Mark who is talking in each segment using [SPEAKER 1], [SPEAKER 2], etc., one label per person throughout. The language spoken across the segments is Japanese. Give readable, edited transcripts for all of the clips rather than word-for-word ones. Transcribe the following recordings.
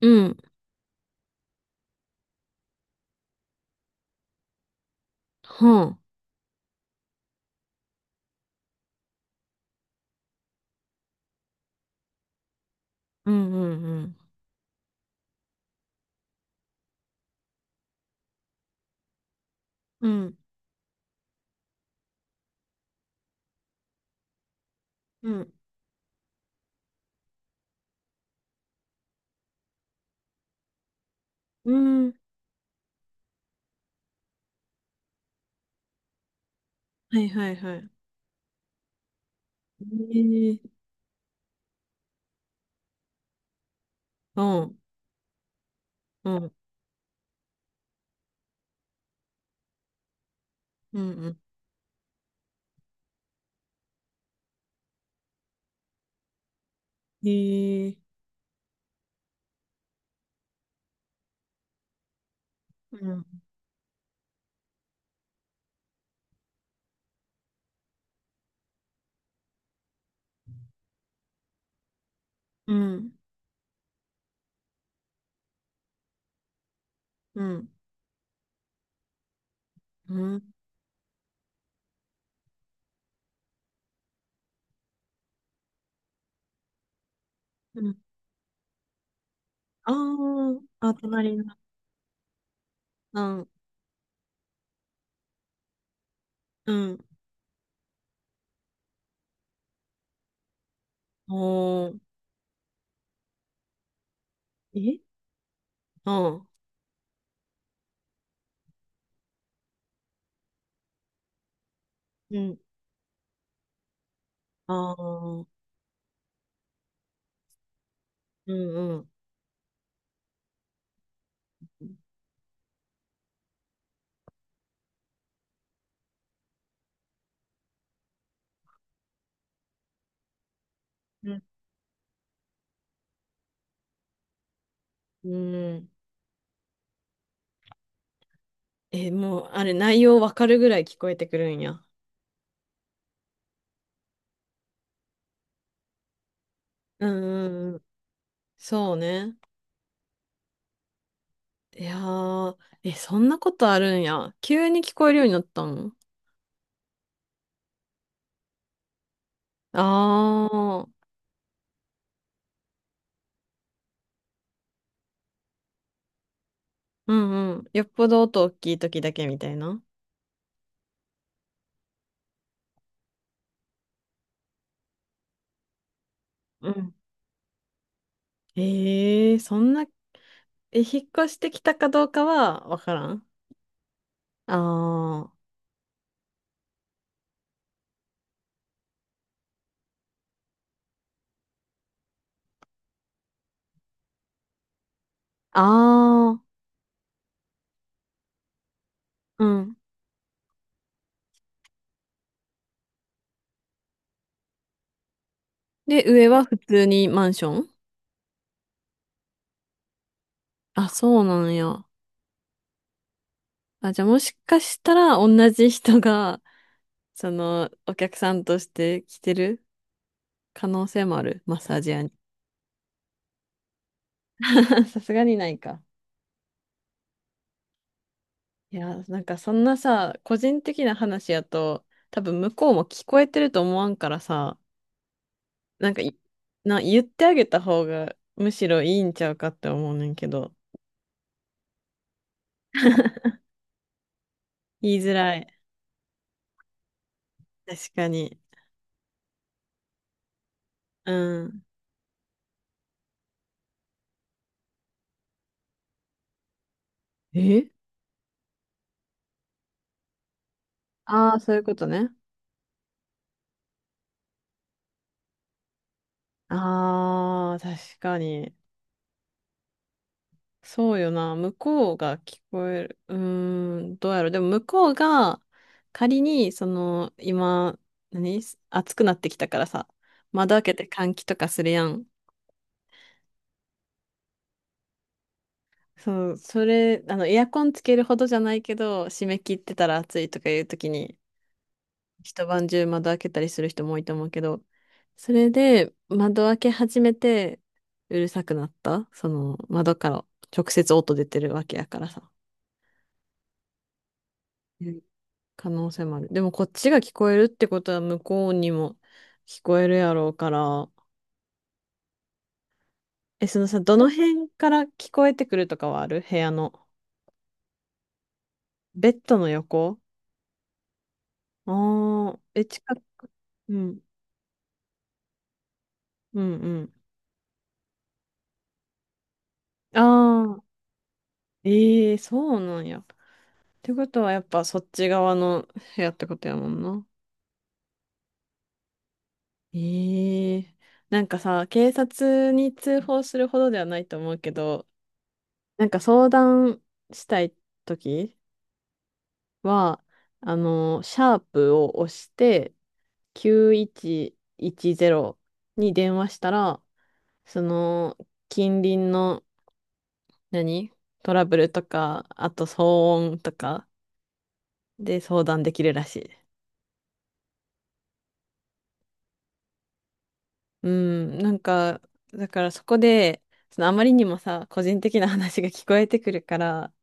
[SPEAKER 1] うん。は、うんうんうん。うん。うん。うん。はいはいはい。ええ、うん。うん。うん。うん、ええ、うん。うん。うん。うん。うん。ああ。あ、隣の。うん。うん。おー。え、うん。うん。ああ。うんうん。うん。うん。え、もう、あれ、内容わかるぐらい聞こえてくるんや。うんうんうん。そうね。いやー、え、そんなことあるんや。急に聞こえるようになったの？ああー、うんうん。よっぽど音大きい時だけみたいな。うん。えー、そんな、え、引っ越してきたかどうかはわからん。あー、あー、うん。で、上は普通にマンション。あ、そうなんや。あ、じゃあもしかしたら同じ人が、その、お客さんとして来てる可能性もある。マッサージ屋に。さすがにないか。いや、なんかそんなさ、個人的な話やと、多分向こうも聞こえてると思わんからさ、なんかい、な、言ってあげた方がむしろいいんちゃうかって思うねんけど。言いづらい。確かに。うん。え。ああー、そういうことね。ああ、確かに。そうよな。向こうが聞こえる。うーん、どうやろう。でも向こうが仮に、その、今、何暑くなってきたからさ、窓開けて換気とかするやん。そう、それ、あの、エアコンつけるほどじゃないけど、締め切ってたら暑いとかいう時に、一晩中窓開けたりする人も多いと思うけど、それで窓開け始めて、うるさくなった、その窓から直接音出てるわけやからさ。うん。可能性もある。でもこっちが聞こえるってことは向こうにも聞こえるやろうから。え、そのさ、どの辺から聞こえてくるとかはある部屋の。ベッドの横。ああー、え、近く。うん。うんうん。ああ、ええ、そうなんや。ってことはやっぱそっち側の部屋ってことやもんな。ええ。なんかさ、警察に通報するほどではないと思うけど、なんか相談したいときは、あの、シャープを押して9110に電話したら、その、近隣の、何トラブルとか、あと騒音とかで相談できるらしい。うん、なんか、だからそこで、そのあまりにもさ、個人的な話が聞こえてくるから、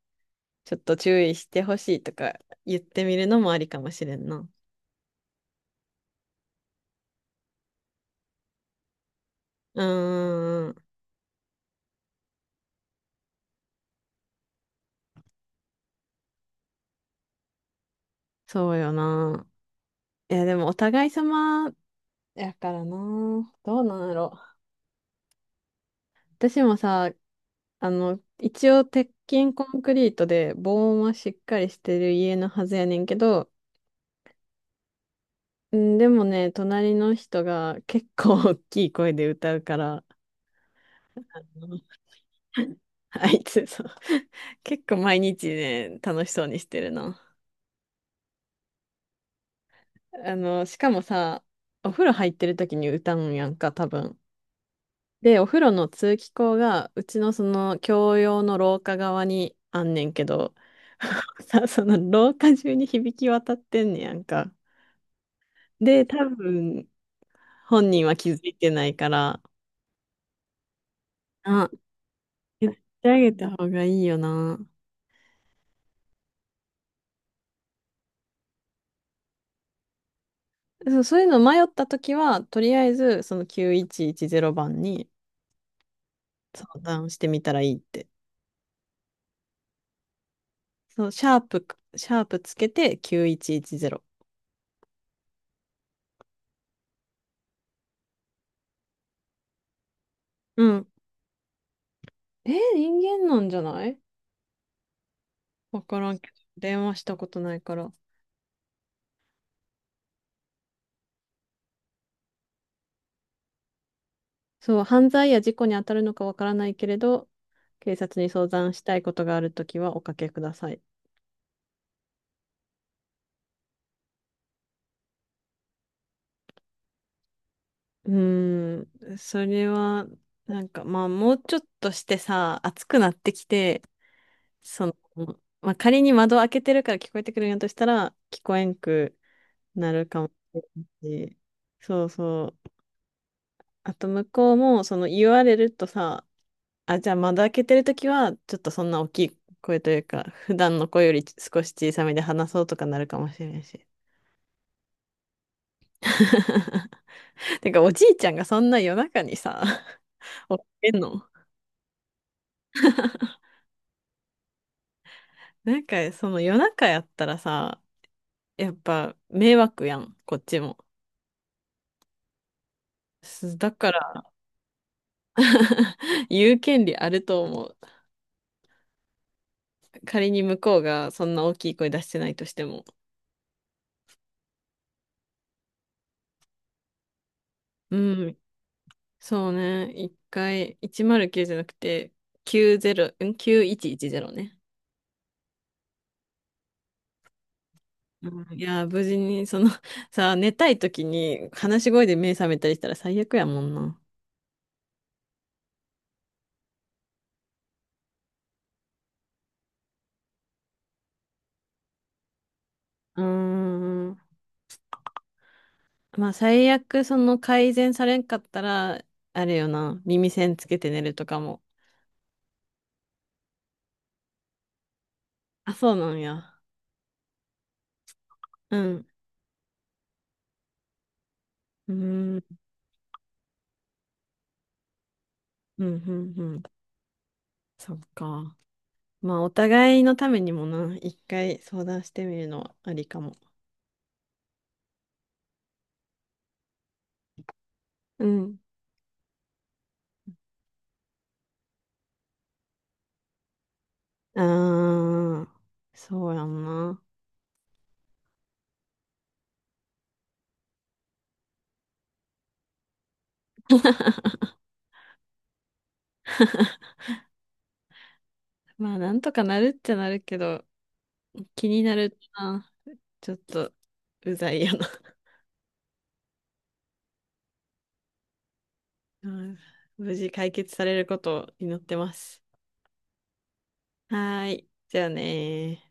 [SPEAKER 1] ちょっと注意してほしいとか言ってみるのもありかもしれんな。うんんん、そうよな。いや、でもお互い様やからな。どうなんやろ。私もさ、あの、一応鉄筋コンクリートで防音はしっかりしてる家のはずやねんけど、うん、でもね、隣の人が結構 大きい声で歌うから、あいつ、そう。結構毎日ね、楽しそうにしてるな。あの、しかもさ、お風呂入ってる時に歌うんやんか、多分。で、お風呂の通気口が、うちのその、共用の廊下側にあんねんけど、さ、その廊下中に響き渡ってんねやんか。で、多分、本人は気づいてないから、あ、言ってあげた方がいいよな。そう、そういうの迷った時は、とりあえず、その9110番に、相談してみたらいいって。そう、シャープつけて9110。うん。人間なんじゃない、わからんけど。電話したことないから。そう、犯罪や事故に当たるのかわからないけれど、警察に相談したいことがあるときはおかけください。うーん、それは、なんかまあ、もうちょっとしてさ、暑くなってきて、その、まあ、仮に窓開けてるから聞こえてくるんやとしたら、聞こえんくなるかもしれないし。そうそう。あと向こうも、その言われるとさ、あ、じゃあ窓開けてるときは、ちょっとそんな大きい声というか、普段の声より少し小さめで話そうとかなるかもしれないし。てか、おじいちゃんがそんな夜中にさ、起きてんの。なんか、その夜中やったらさ、やっぱ迷惑やん、こっちも。だから 言う権利あると思う。仮に向こうがそんな大きい声出してないとしても。うん、そうね。一回、109じゃなくて、90、ん ?9110 ね。うん、いやー、無事に、その、さあ、寝たい時に、話し声で目覚めたりしたら最悪やもんな。うーん、まあ、最悪、その、改善されんかったら、あれよな、耳栓つけて寝るとかも。あ、そうなんや。うん。うーん、うん、うん、うん。そっか。まあ、お互いのためにもな、一回相談してみるのはありかも。うん。うーん。そうやんな。まあ、なんとかなるっちゃなるけど、気になるな。ちょっと、うざいよな。うん、無事解決されることを祈ってます。はーい。じゃあねー。